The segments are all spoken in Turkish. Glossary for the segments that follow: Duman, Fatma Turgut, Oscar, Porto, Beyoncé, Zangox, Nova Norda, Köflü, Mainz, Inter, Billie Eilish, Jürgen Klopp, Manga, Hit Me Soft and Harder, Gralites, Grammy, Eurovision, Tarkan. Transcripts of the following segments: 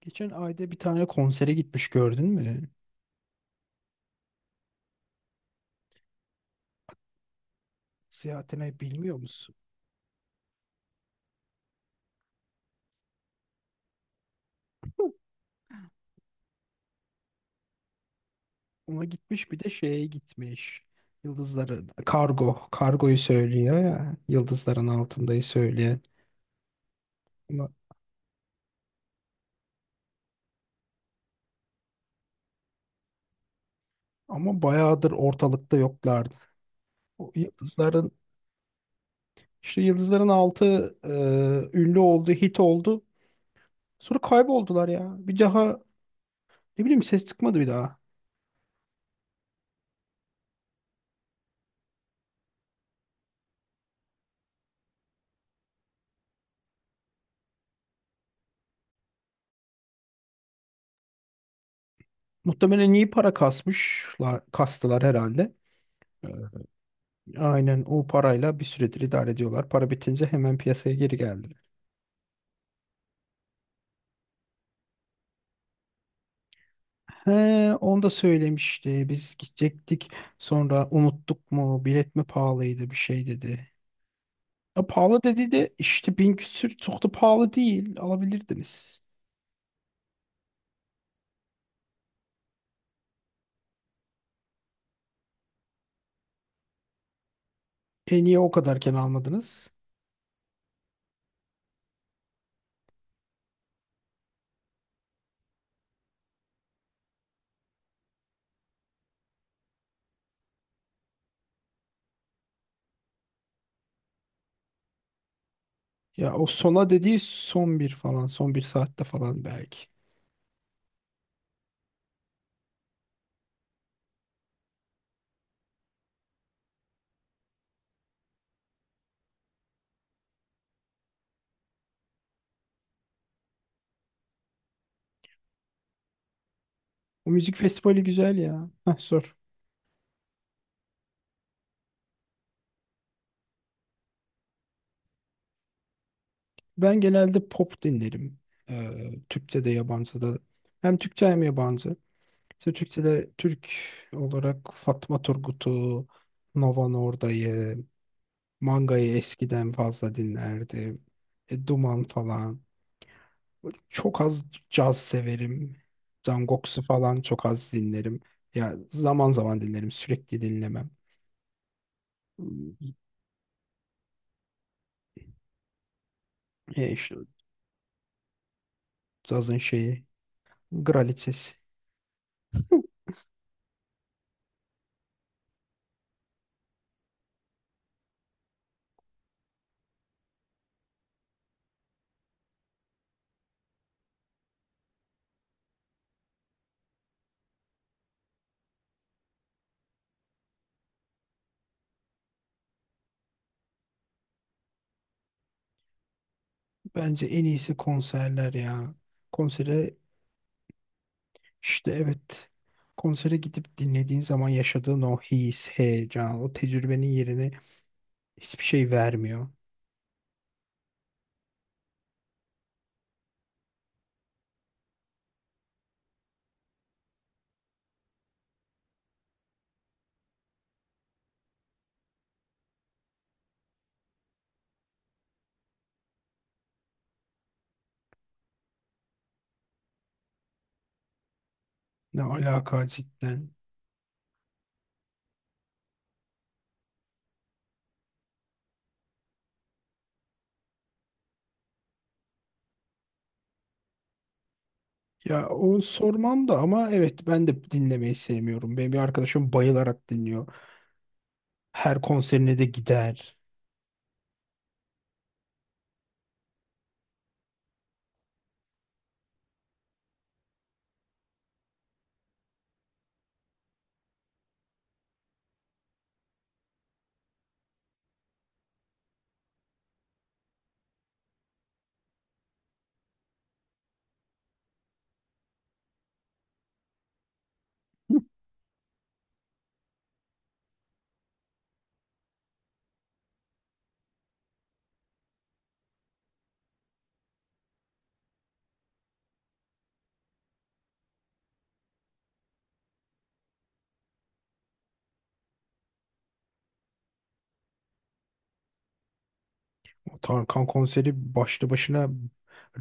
Geçen ayda bir tane konsere gitmiş gördün mü? Seyahatine bilmiyor musun? Ona gitmiş, bir de şeye gitmiş. Yıldızların kargo. Kargoyu söylüyor ya. Yıldızların altındayı söyleyen. Ama ama bayağıdır ortalıkta yoklardı. O yıldızların işte yıldızların altı ünlü oldu, hit oldu. Sonra kayboldular ya. Bir daha ne bileyim ses çıkmadı bir daha. Muhtemelen iyi para kasmışlar, kastılar herhalde. E, Aynen, o parayla bir süredir idare ediyorlar. Para bitince hemen piyasaya geri geldiler. He, onu da söylemişti. Biz gidecektik. Sonra unuttuk mu? Bilet mi pahalıydı bir şey dedi. Ya pahalı dedi de işte bin küsür çok da pahalı değil. Alabilirdiniz. E niye o kadarken almadınız? Ya o sona dediği son bir falan. Son bir saatte falan belki. O müzik festivali güzel ya. Heh, sor. Ben genelde pop dinlerim. Ee, Türkçe de yabancı da. Hem Türkçe hem yabancı. Türkçe'de Türk olarak Fatma Turgut'u, Nova Norda'yı, Manga'yı eskiden fazla dinlerdim. E, Duman falan. Böyle çok az caz severim. Zangox'u falan çok az dinlerim. Ya zaman zaman dinlerim, sürekli dinlemem. E, işte cazın şeyi, Gralites. Bence en iyisi konserler ya. Konsere İşte evet. Konsere gidip dinlediğin zaman yaşadığın o his, heyecan, o tecrübenin yerine hiçbir şey vermiyor. Ne alaka cidden. Ya onu sormam da ama evet ben de dinlemeyi sevmiyorum. Benim bir arkadaşım bayılarak dinliyor. Her konserine de gider. O Tarkan konseri başlı başına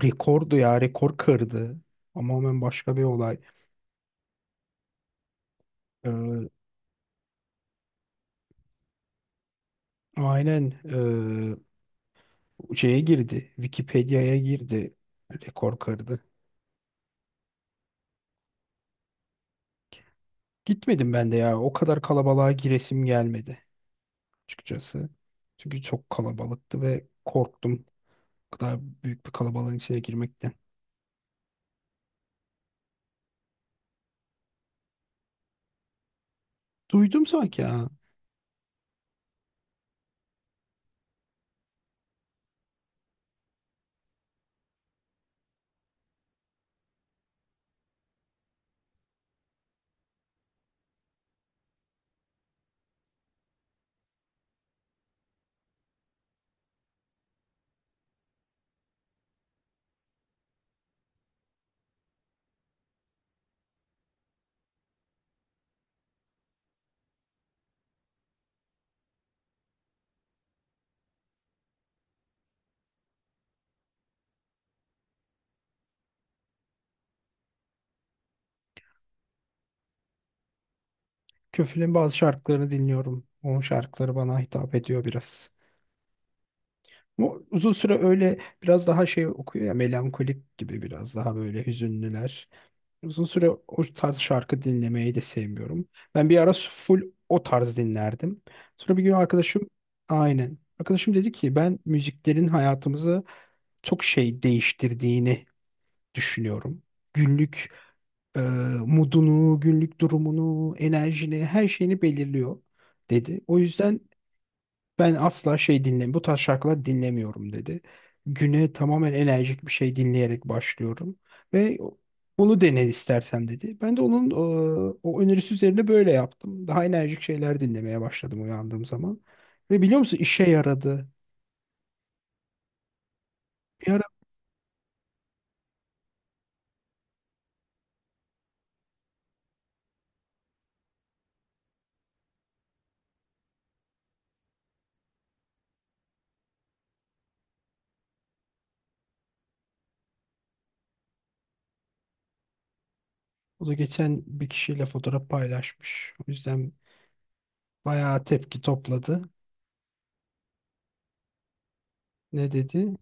rekordu ya, rekor kırdı. Ama ben başka bir olay. Ee, aynen ee, şeye girdi. Wikipedia'ya girdi. Rekor kırdı. Gitmedim ben de ya. O kadar kalabalığa giresim gelmedi açıkçası. Çünkü çok kalabalıktı ve korktum. O kadar büyük bir kalabalığın içine girmekten. Duydum sanki ya. Köflü'nün bazı şarkılarını dinliyorum. Onun şarkıları bana hitap ediyor biraz. Ama uzun süre öyle biraz daha şey okuyor ya, melankolik gibi, biraz daha böyle hüzünlüler. Uzun süre o tarz şarkı dinlemeyi de sevmiyorum. Ben bir ara full o tarz dinlerdim. Sonra bir gün arkadaşım aynen. Arkadaşım dedi ki ben müziklerin hayatımızı çok şey değiştirdiğini düşünüyorum. Günlük e, modunu, günlük durumunu, enerjini, her şeyini belirliyor dedi. O yüzden ben asla şey dinlemiyorum. Bu tarz şarkılar dinlemiyorum dedi. Güne tamamen enerjik bir şey dinleyerek başlıyorum. Ve bunu dene istersen dedi. Ben de onun o önerisi üzerine böyle yaptım. Daha enerjik şeyler dinlemeye başladım uyandığım zaman. Ve biliyor musun işe yaradı. Bir ara o da geçen bir kişiyle fotoğraf paylaşmış. O yüzden bayağı tepki topladı. Ne dedi?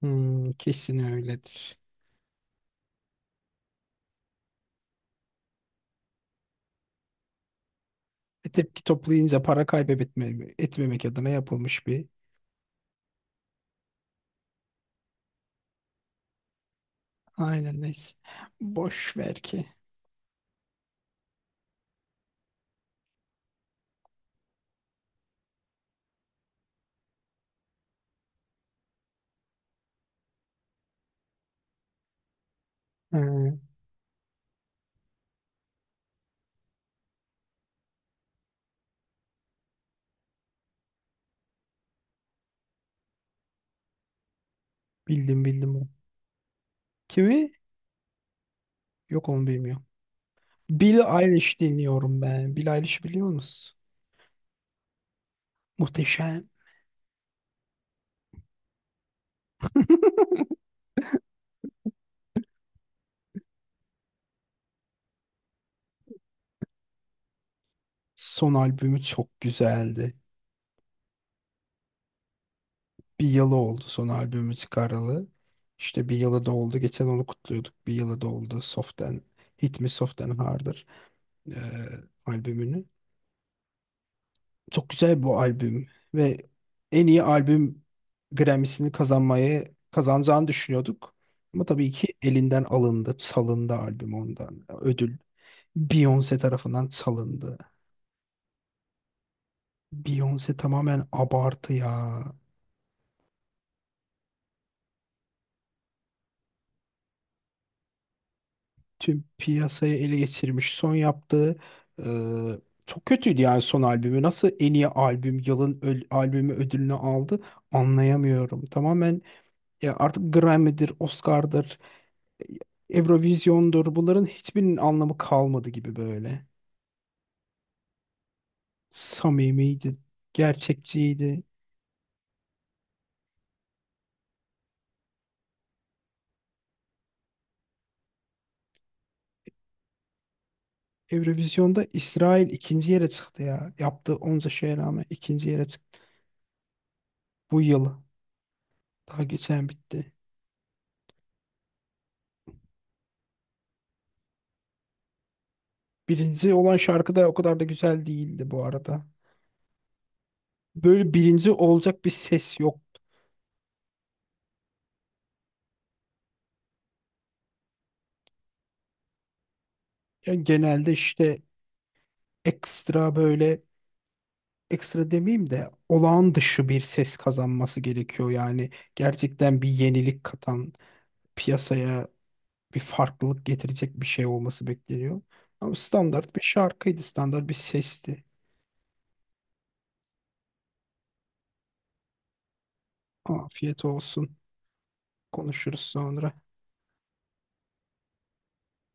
Hmm, kesin öyledir. E, tepki toplayınca para kaybetmemek etmemek adına yapılmış bir Aynen neyse. Boş ver ki. He, bildim bildim onu. Kimi? Yok onu bilmiyorum. Billie Eilish dinliyorum ben. Billie Eilish biliyor musun? Muhteşem. Son albümü çok güzeldi. Bir yılı oldu son albümü çıkaralı. İşte bir yılı doldu. Geçen onu kutluyorduk. Bir yılı doldu. Soft and, Hit Me Soft and Harder e, albümünü. Çok güzel bu albüm ve en iyi albüm Grammy'sini kazanmayı kazanacağını düşünüyorduk. Ama tabii ki elinden alındı, salındı albüm ondan. Ödül Beyoncé tarafından salındı. Beyoncé tamamen abartı ya. Tüm piyasayı ele geçirmiş. Son yaptığı e, çok kötüydü yani son albümü. Nasıl en iyi albüm, yılın albümü ödülünü aldı anlayamıyorum. Tamamen ya artık Grammy'dir, Oscar'dır, Eurovision'dur. Bunların hiçbirinin anlamı kalmadı gibi böyle. Samimiydi, gerçekçiydi. Eurovision'da İsrail ikinci yere çıktı ya. Yaptığı onca şeye rağmen ikinci yere çıktı. Bu yıl. Daha geçen bitti. Birinci olan şarkı da o kadar da güzel değildi bu arada. Böyle birinci olacak bir ses yoktu. Yani genelde işte ekstra böyle ekstra demeyeyim de olağan dışı bir ses kazanması gerekiyor yani gerçekten bir yenilik katan piyasaya bir farklılık getirecek bir şey olması bekleniyor. Ama standart bir şarkıydı, standart bir sesti. Afiyet olsun. Konuşuruz sonra.